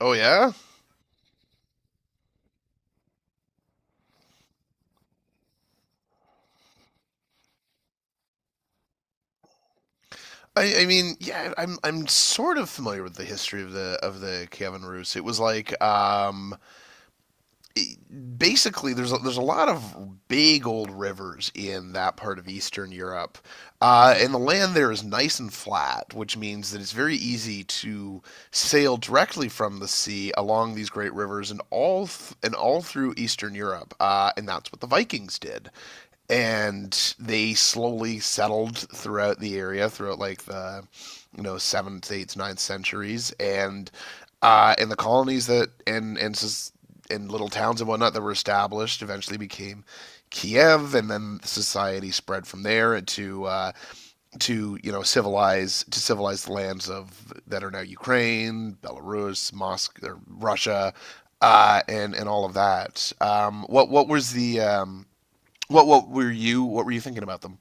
Oh yeah, I mean, yeah, I'm sort of familiar with the history of the Kievan Rus. It was like, it- basically, there's a lot of big old rivers in that part of Eastern Europe, and the land there is nice and flat, which means that it's very easy to sail directly from the sea along these great rivers and all through Eastern Europe, and that's what the Vikings did. And they slowly settled throughout the area throughout like the seventh, eighth, ninth centuries, and the colonies that and little towns and whatnot that were established eventually became Kiev, and then society spread from there to civilize the lands of that are now Ukraine, Belarus, Moscow, or Russia, and all of that. What was the What were you thinking about them?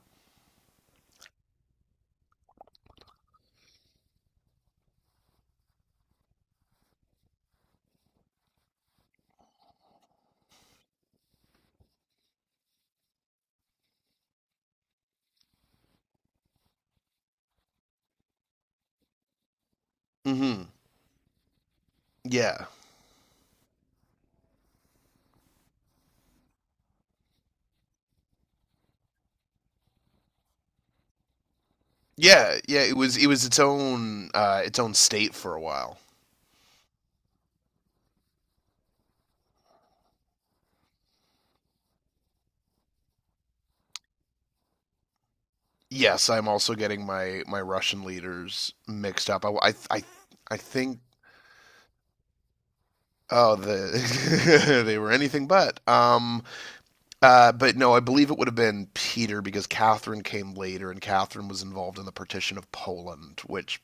Mm-hmm. Yeah. Yeah, yeah, it was its own state for a while. Yes, I'm also getting my Russian leaders mixed up. I think, oh, the they were anything but no, I believe it would have been Peter because Catherine came later, and Catherine was involved in the partition of Poland, which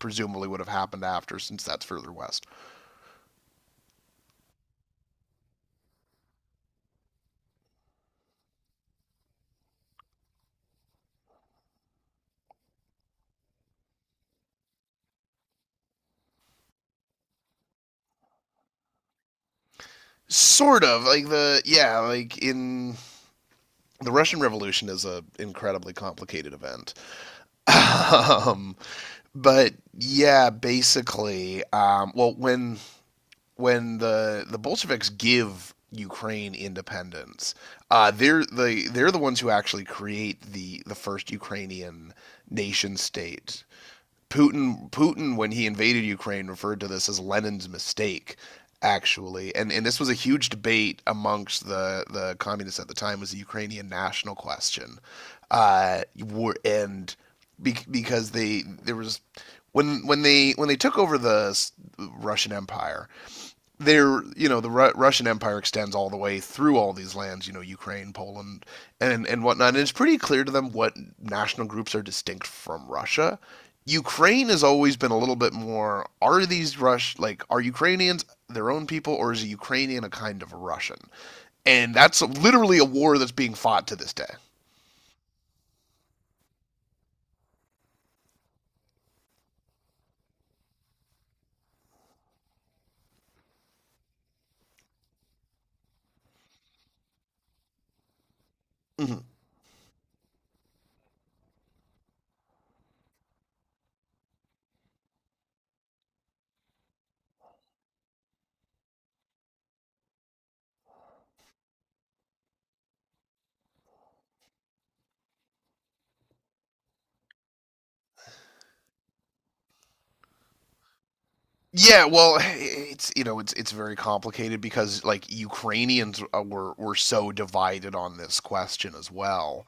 presumably would have happened after, since that's further west. Sort of like the Yeah. like in The Russian Revolution is an incredibly complicated event. Um, but yeah, basically, well, when the Bolsheviks give Ukraine independence, they're the ones who actually create the first Ukrainian nation state. Putin, when he invaded Ukraine, referred to this as Lenin's mistake, actually. And this was a huge debate amongst the communists at the time, was the Ukrainian national question. Were and be, because they there was When they took over the Russian Empire, they're, Russian Empire extends all the way through all these lands, Ukraine, Poland, and whatnot. And it's pretty clear to them what national groups are distinct from Russia. Ukraine has always been a little bit more. Are these Rush like are Ukrainians their own people, or is a Ukrainian a kind of a Russian? And that's literally a war that's being fought to this day. Hmm. Yeah, well, it's you know it's very complicated because like Ukrainians, were so divided on this question as well.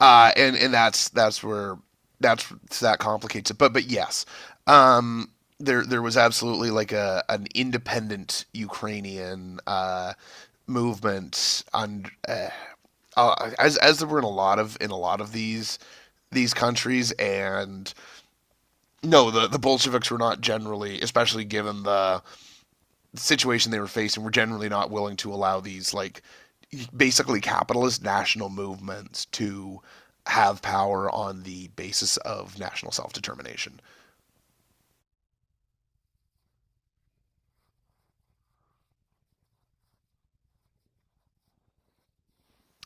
And that's where that's that complicates it. But yes, um, there was absolutely like a an independent Ukrainian, movement on, as there were in a lot of, these countries, and no, the Bolsheviks were not generally, especially given the situation they were facing, were generally not willing to allow these like basically capitalist national movements to have power on the basis of national self determination.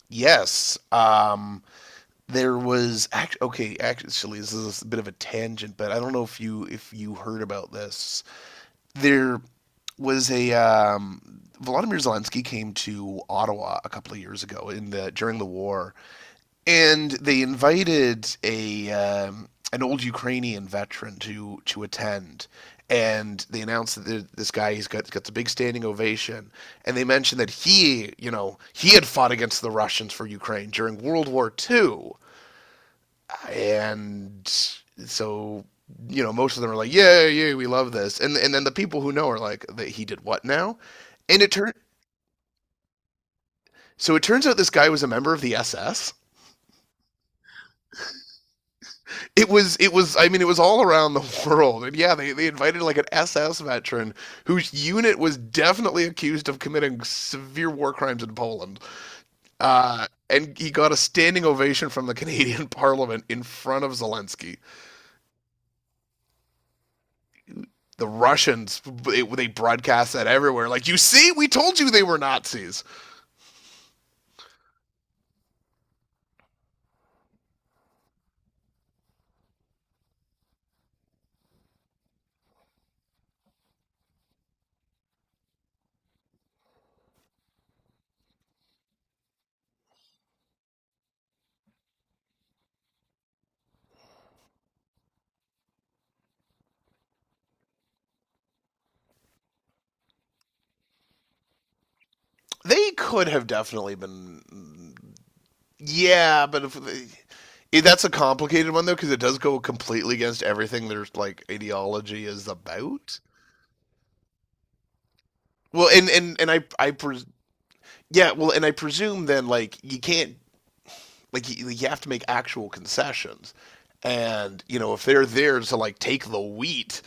Yes, Okay. Actually, this is a bit of a tangent, but I don't know if you, if you heard about this. There was a Volodymyr Zelensky came to Ottawa a couple of years ago in the during the war, and they invited a an old Ukrainian veteran to attend. And they announced that, this guy, he's got the big standing ovation, and they mentioned that he, you know, he had fought against the Russians for Ukraine during World War II, and so, you know, most of them are like, yeah, yeah, we love this, and then the people who know are like, that he did what now? And it turned so it turns out this guy was a member of the SS. It was, I mean, it was all around the world, and yeah, they invited like an SS veteran whose unit was definitely accused of committing severe war crimes in Poland, and he got a standing ovation from the Canadian parliament in front of Zelensky. The russians it, they broadcast that everywhere, like, you see, we told you they were Nazis. They could have definitely been. Yeah, but if it, that's a complicated one, though, because it does go completely against everything their like ideology is about. Well, and I pres yeah, well, and I presume then, like, you can't, like, you have to make actual concessions, and if they're there to like take the wheat,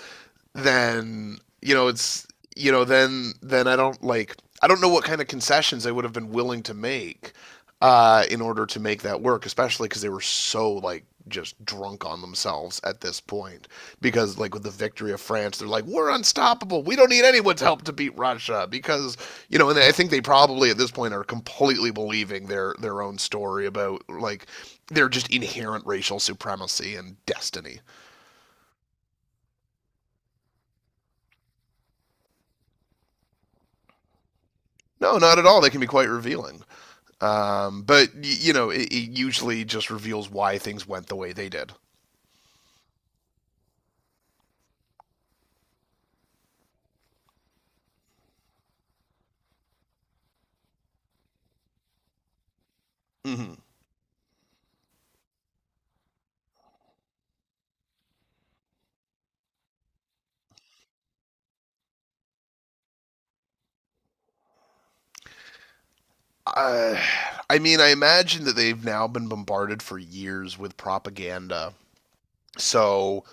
then you know it's you know then I don't know what kind of concessions they would have been willing to make, in order to make that work, especially because they were so like just drunk on themselves at this point, because like with the victory of France they're like, we're unstoppable, we don't need anyone's help to beat Russia, because you know and I think they probably at this point are completely believing their own story about like their just inherent racial supremacy and destiny. No, not at all, they can be quite revealing. But it usually just reveals why things went the way they did. Mm-hmm. Uh, I mean, I imagine that they've now been bombarded for years with propaganda. So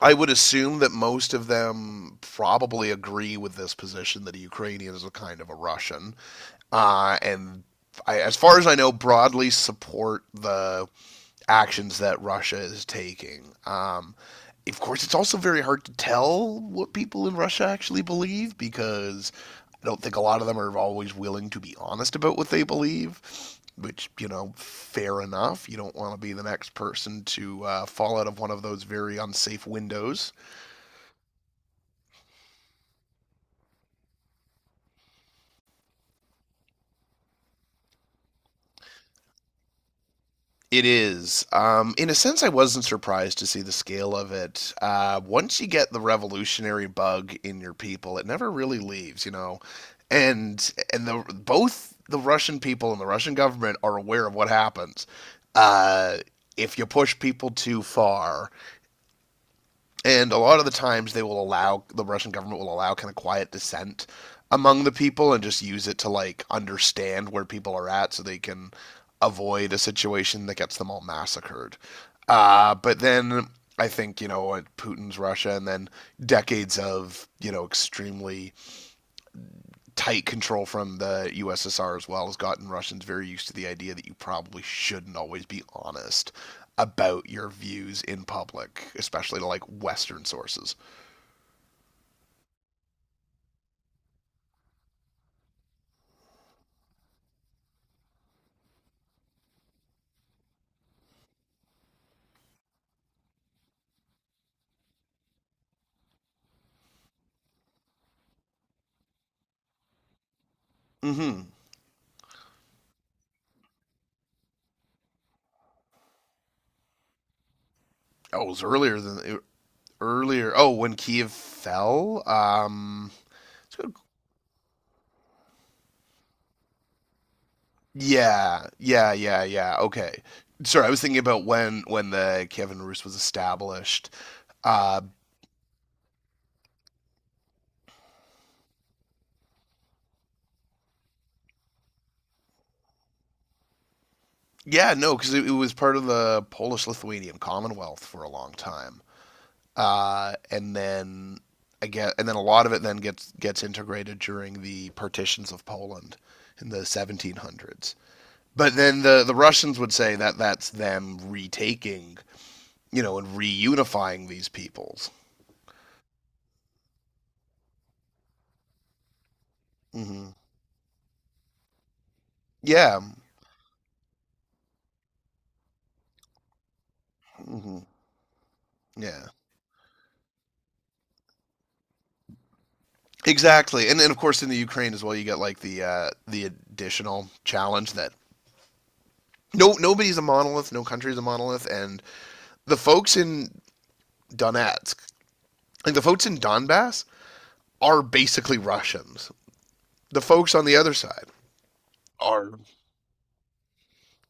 I would assume that most of them probably agree with this position that a Ukrainian is a kind of a Russian, and I, as far as I know, broadly support the actions that Russia is taking. Of course, it's also very hard to tell what people in Russia actually believe because I don't think a lot of them are always willing to be honest about what they believe, which, you know, fair enough. You don't want to be the next person to, fall out of one of those very unsafe windows. It is. In a sense, I wasn't surprised to see the scale of it. Once you get the revolutionary bug in your people, it never really leaves, you know. And the both the Russian people and the Russian government are aware of what happens. Uh, if you push people too far, and a lot of the times, the Russian government will allow kind of quiet dissent among the people and just use it to like understand where people are at so they can avoid a situation that gets them all massacred. But then I think, Putin's Russia, and then decades of, extremely tight control from the USSR as well, has gotten Russians very used to the idea that you probably shouldn't always be honest about your views in public, especially to like Western sources. Mm-hmm. Oh, it was earlier than, earlier. Oh, when Kiev fell. So- yeah. Yeah. Yeah. Yeah. Okay. Sorry, I was thinking about when the Kievan Rus was established. Uh. Yeah. No, because it was part of the Polish-Lithuanian Commonwealth for a long time. And then, I guess, and then a lot of it then gets integrated during the partitions of Poland in the 1700s. But then the Russians would say that that's them retaking, and reunifying these peoples. Hmm. Yeah. Hmm. Yeah. Exactly. And then, of course, in the Ukraine as well, you get like the additional challenge that, no, nobody's a monolith, no country's a monolith, and the folks in Donetsk, like the folks in Donbass, are basically Russians. The folks on the other side are.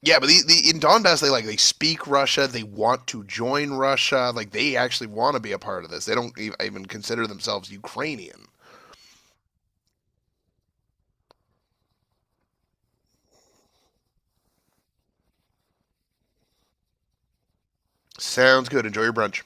Yeah, but the in Donbass, they speak Russia, they want to join Russia, like they actually want to be a part of this. They don't even consider themselves Ukrainian. Sounds good. Enjoy your brunch.